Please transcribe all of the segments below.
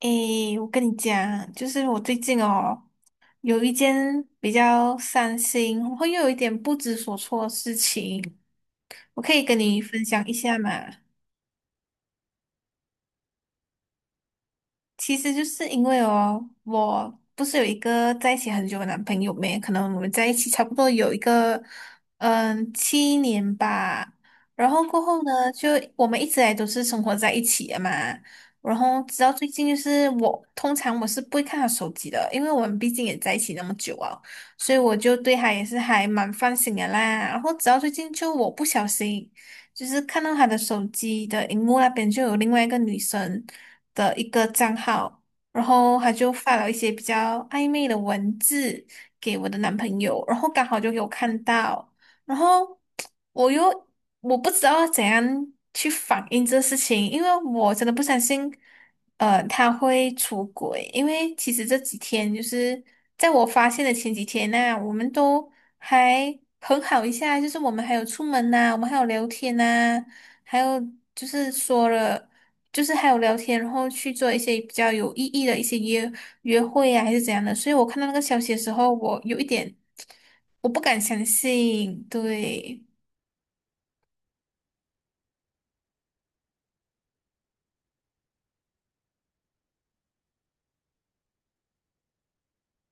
诶，我跟你讲，就是我最近哦，有一件比较伤心，然后又有一点不知所措的事情，我可以跟你分享一下嘛。其实就是因为哦，我不是有一个在一起很久的男朋友没？可能我们在一起差不多有一个七年吧。然后过后呢，就我们一直来都是生活在一起的嘛。然后直到最近，就是我通常我是不会看他手机的，因为我们毕竟也在一起那么久啊，所以我就对他也是还蛮放心的啦。然后直到最近，就我不小心。就是看到她的手机的荧幕那边就有另外一个女生的一个账号，然后她就发了一些比较暧昧的文字给我的男朋友，然后刚好就有看到，然后我又我不知道怎样去反应这事情，因为我真的不相信，他会出轨，因为其实这几天就是在我发现的前几天呢、我们都。还很好一下，就是我们还有出门呐、我们还有聊天呐、还有就是说了，就是还有聊天，然后去做一些比较有意义的一些约会啊，还是怎样的。所以我看到那个消息的时候，我有一点我不敢相信。对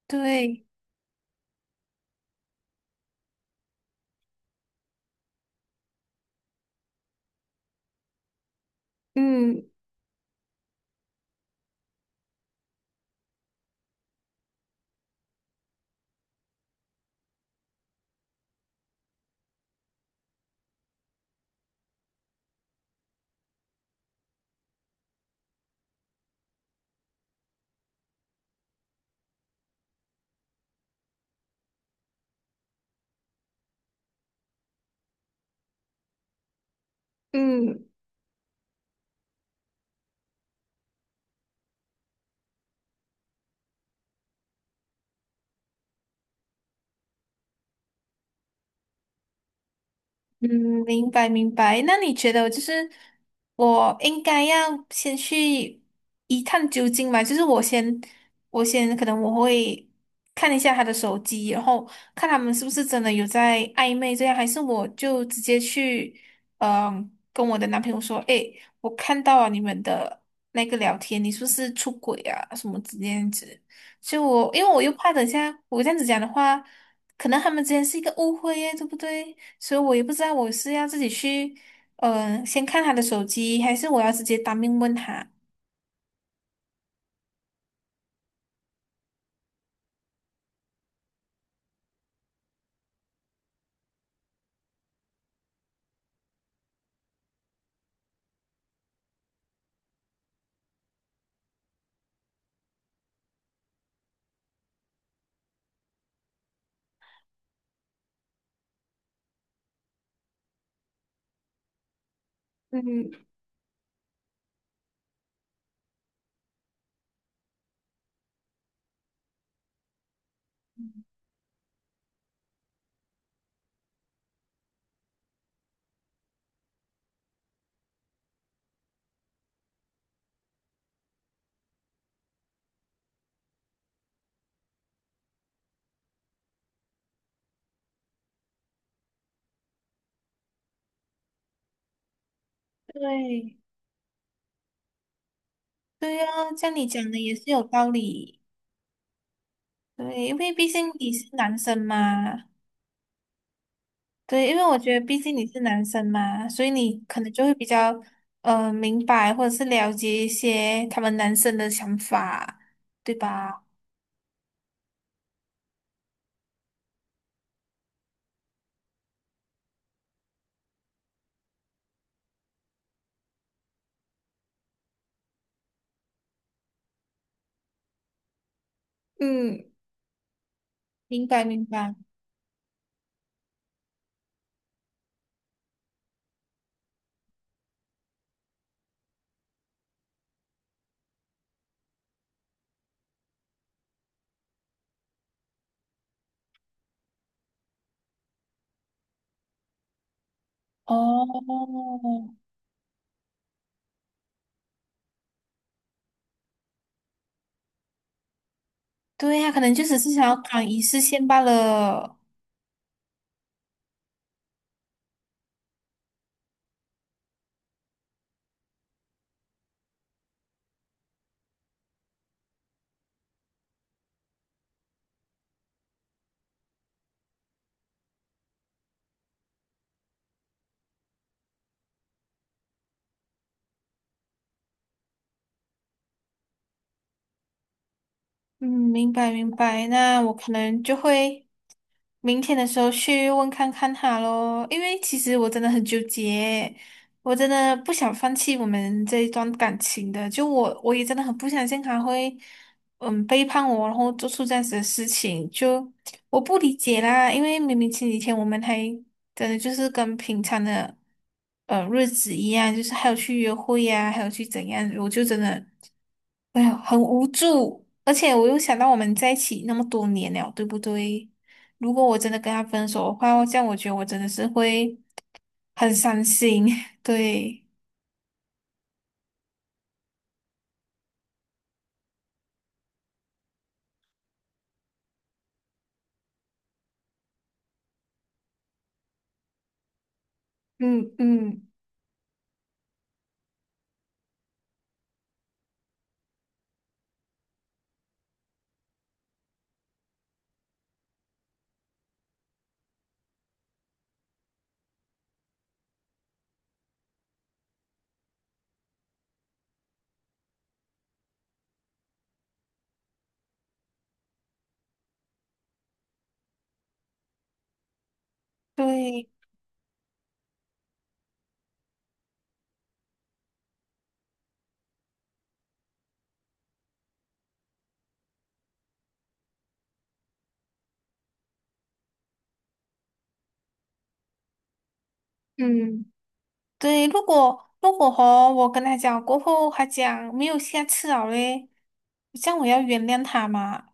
对，嗯嗯，嗯，明白明白。那你觉得就是我应该要先去一探究竟嘛？就是我先，我先可能我会看一下他的手机，然后看他们是不是真的有在暧昧这样，还是我就直接去，嗯、跟我的男朋友说，诶，我看到了你们的那个聊天，你是不是出轨啊？什么之样子？就我，因为我又怕等一下我这样子讲的话，可能他们之间是一个误会耶，对不对？所以我也不知道我是要自己去，先看他的手机，还是我要直接当面问他。嗯，对，对啊，像你讲的也是有道理。对，因为毕竟你是男生嘛。对，因为我觉得毕竟你是男生嘛，所以你可能就会比较明白或者是了解一些他们男生的想法，对吧？嗯，明白明白。哦，对呀，可能就只是想要赶一次线罢了。嗯，明白明白，那我可能就会明天的时候去问看看他喽。因为其实我真的很纠结，我真的不想放弃我们这一段感情的，就我也真的很不相信他会，嗯，背叛我，然后做出这样子的事情，就我不理解啦，因为明明前几天我们还真的就是跟平常的，日子一样，就是还有去约会呀、还有去怎样，我就真的。哎呀，很无助，而且我又想到我们在一起那么多年了，对不对？如果我真的跟他分手的话，这样我觉得我真的是会很伤心。对，嗯嗯，对，嗯对。如果如果和我跟他讲过后，他讲没有下次了嘞，这样我要原谅他嘛？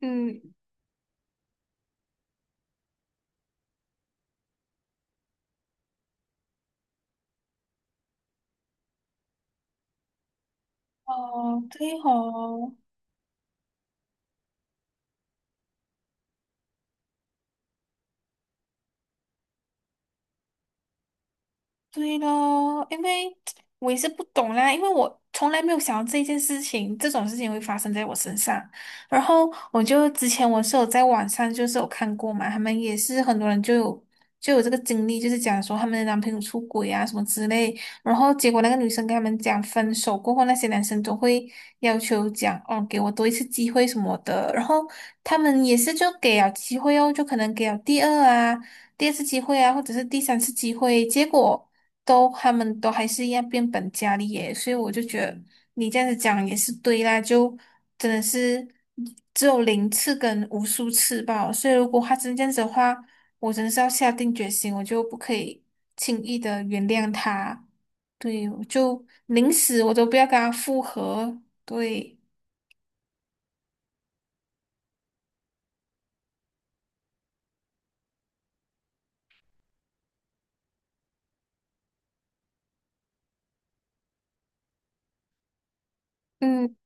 嗯，哦，对哦。对咯，因为我也是不懂啦，因为我从来没有想到这件事情，这种事情会发生在我身上。然后我就之前我是有在网上就是有看过嘛，他们也是很多人就有这个经历，就是讲说他们的男朋友出轨啊什么之类，然后结果那个女生跟他们讲分手过后，那些男生都会要求讲哦给我多一次机会什么的，然后他们也是就给了机会哦，就可能给了第二次机会啊，或者是第三次机会，结果他们都还是一样变本加厉耶，所以我就觉得你这样子讲也是对啦，就真的是只有零次跟无数次吧，所以如果他真这样子的话，我真的是要下定决心，我就不可以轻易的原谅他，对，我就宁死我都不要跟他复合。对，嗯，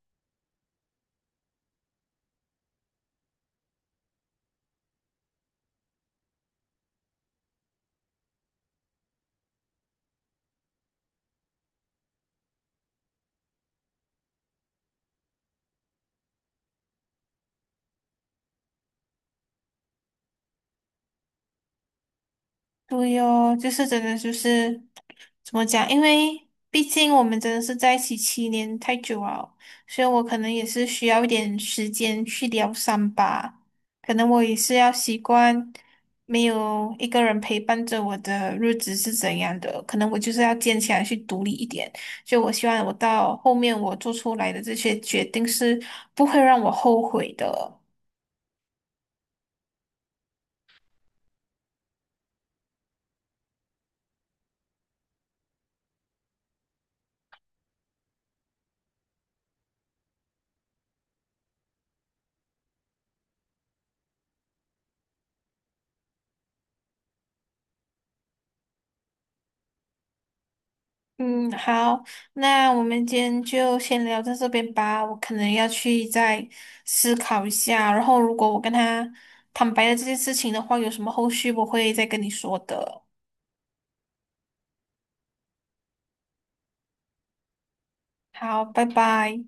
对哦，就是真的就是。怎么讲？因为毕竟我们真的是在一起七年太久了，所以我可能也是需要一点时间去疗伤吧。可能我也是要习惯没有一个人陪伴着我的日子是怎样的，可能我就是要坚强去独立一点。就我希望我到后面我做出来的这些决定是不会让我后悔的。嗯，好，那我们今天就先聊到这边吧。我可能要去再思考一下，然后如果我跟他坦白了这件事情的话，有什么后续我会再跟你说的。好，拜拜。